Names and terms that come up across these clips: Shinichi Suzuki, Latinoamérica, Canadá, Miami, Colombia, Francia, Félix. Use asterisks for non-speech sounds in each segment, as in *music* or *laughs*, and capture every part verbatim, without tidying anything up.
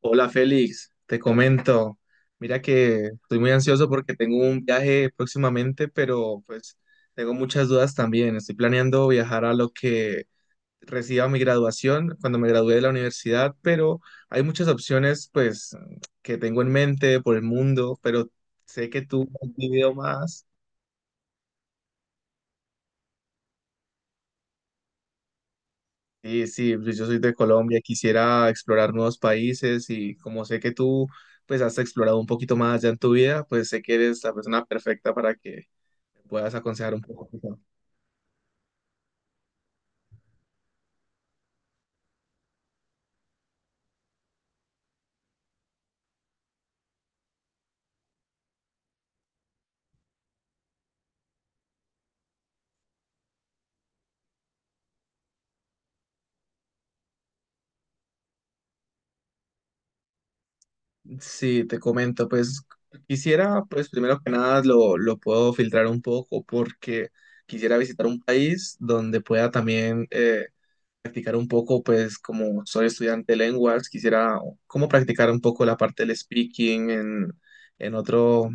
Hola Félix, te comento. Mira que estoy muy ansioso porque tengo un viaje próximamente, pero pues tengo muchas dudas también. Estoy planeando viajar a lo que reciba mi graduación cuando me gradúe de la universidad, pero hay muchas opciones, pues, que tengo en mente por el mundo, pero sé que tú has vivido más. Sí, sí, pues, yo soy de Colombia, quisiera explorar nuevos países y como sé que tú pues has explorado un poquito más ya en tu vida, pues sé que eres la persona perfecta para que puedas aconsejar un poco, ¿no? Sí, te comento, pues quisiera, pues primero que nada lo, lo puedo filtrar un poco porque quisiera visitar un país donde pueda también eh, practicar un poco, pues como soy estudiante de lenguas, quisiera como practicar un poco la parte del speaking en, en otro,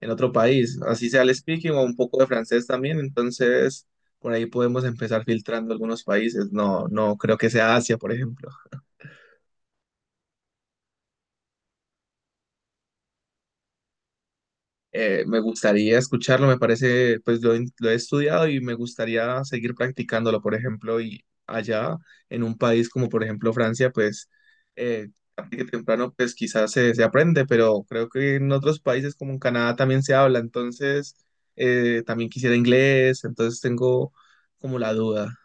en otro país, así sea el speaking o un poco de francés también, entonces por ahí podemos empezar filtrando algunos países, no, no creo que sea Asia, por ejemplo. Eh, me gustaría escucharlo, me parece, pues lo, he- lo he estudiado y me gustaría seguir practicándolo, por ejemplo, y allá en un país como por ejemplo Francia, pues eh, tarde que temprano, pues quizás se, se aprende, pero creo que en otros países como en Canadá también se habla, entonces eh, también quisiera inglés, entonces tengo como la duda.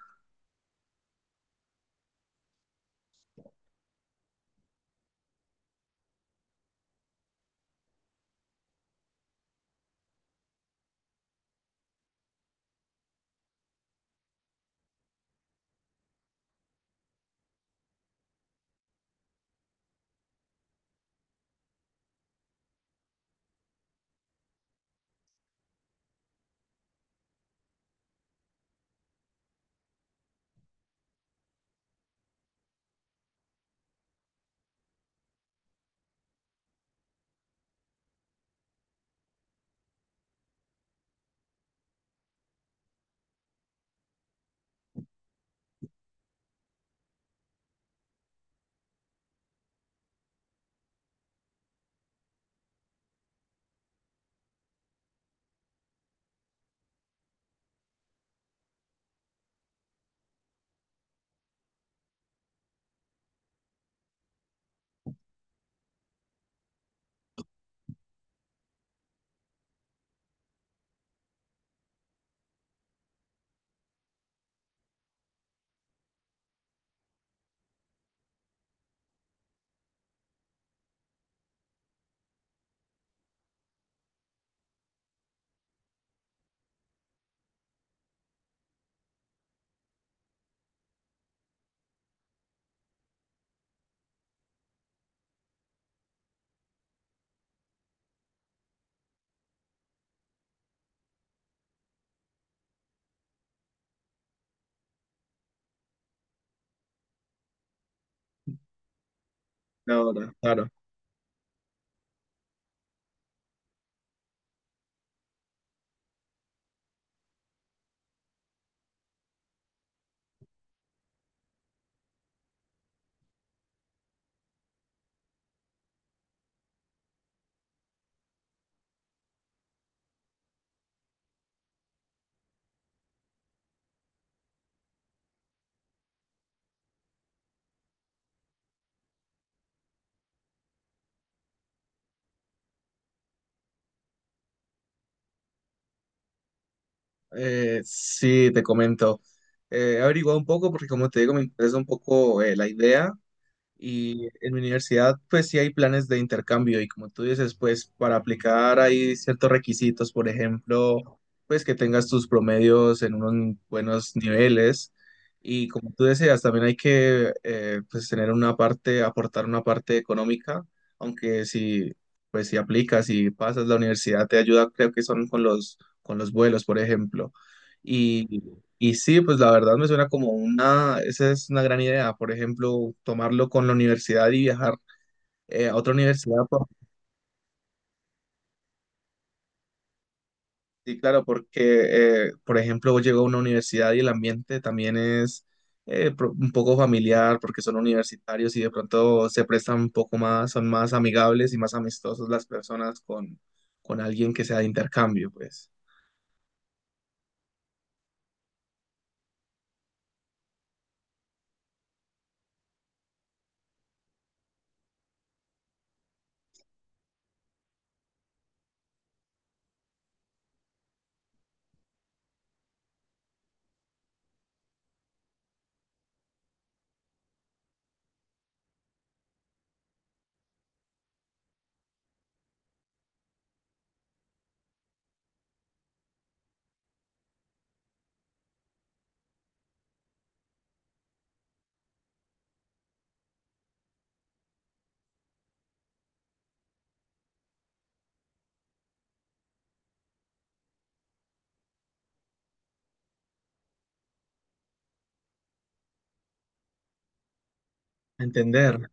Ahora, claro. Eh, sí, te comento. Eh, he averiguado un poco porque como te digo, me interesa un poco, eh, la idea. Y en mi universidad, pues sí hay planes de intercambio y como tú dices, pues para aplicar hay ciertos requisitos. Por ejemplo, pues que tengas tus promedios en unos buenos niveles y como tú decías, también hay que, eh, pues, tener una parte, aportar una parte económica, aunque si pues si aplicas y pasas la universidad te ayuda, creo que son con los con los vuelos, por ejemplo. Y sí, pues la verdad me suena como una, esa es una gran idea, por ejemplo, tomarlo con la universidad y viajar eh, a otra universidad. Por- sí, claro, porque, eh, por ejemplo, llego a una universidad y el ambiente también es eh, pro- un poco familiar, porque son universitarios y de pronto se prestan un poco más, son más amigables y más amistosos las personas con, con alguien que sea de intercambio, pues. Entender,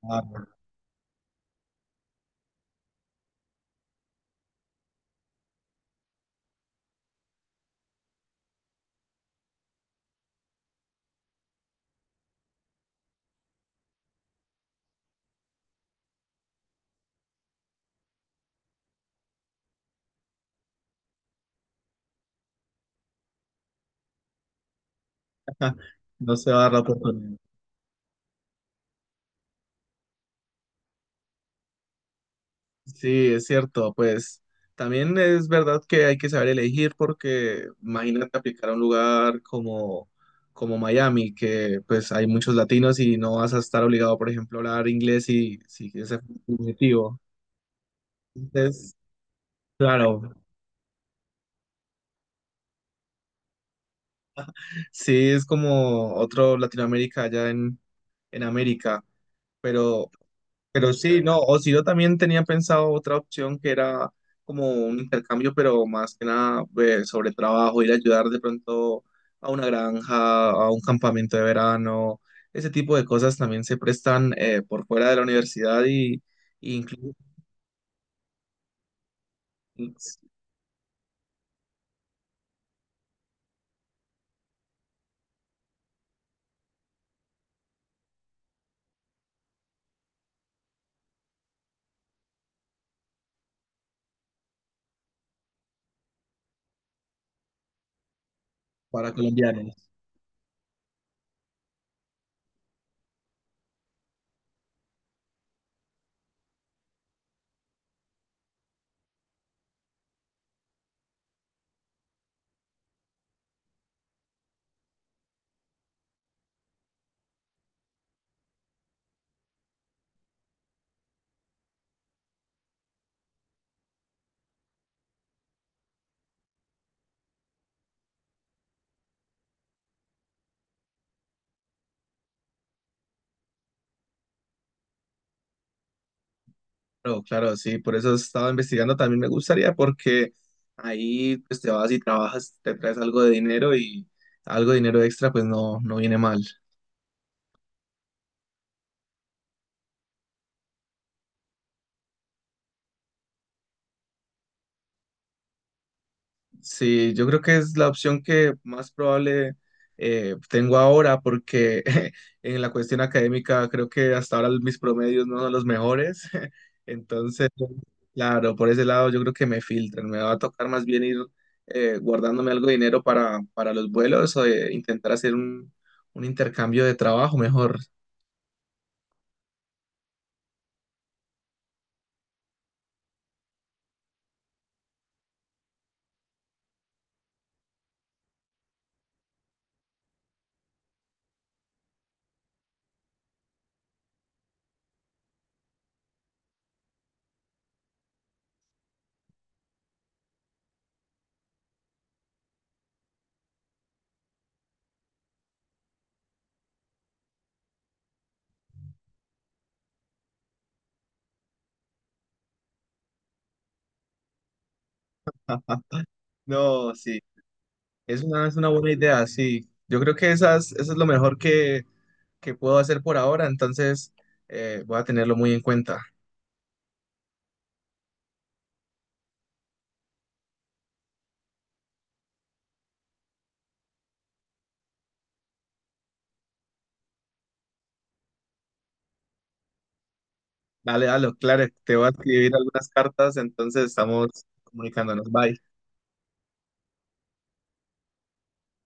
claro. *laughs* No se va a dar la oportunidad. Sí, es cierto, pues también es verdad que hay que saber elegir porque imagínate aplicar a un lugar como, como Miami, que pues hay muchos latinos y no vas a estar obligado, por ejemplo, a hablar inglés, y si ese es tu objetivo. Entonces, claro, sí es como otro Latinoamérica allá en, en América, pero Pero sí, no, o si yo también tenía pensado otra opción que era como un intercambio, pero más que nada, eh, sobre trabajo, ir a ayudar de pronto a una granja, a un campamento de verano, ese tipo de cosas también se prestan eh, por fuera de la universidad y, y incluso para colombianos. Claro, claro, sí, por eso estaba investigando, también me gustaría porque ahí pues te vas y trabajas, te traes algo de dinero y algo de dinero extra pues no, no viene mal. Sí, yo creo que es la opción que más probable eh, tengo ahora porque *laughs* en la cuestión académica creo que hasta ahora mis promedios no son los mejores. *laughs* Entonces, claro, por ese lado yo creo que me filtran. Me va a tocar más bien ir eh, guardándome algo de dinero para, para los vuelos o eh, intentar hacer un, un intercambio de trabajo mejor. *laughs* No, sí, es una, es una buena idea, sí. Yo creo que esas, eso es lo mejor que que puedo hacer por ahora, entonces eh, voy a tenerlo muy en cuenta. Dale, dale, claro, te voy a escribir algunas cartas, entonces estamos comunicándonos. Bye.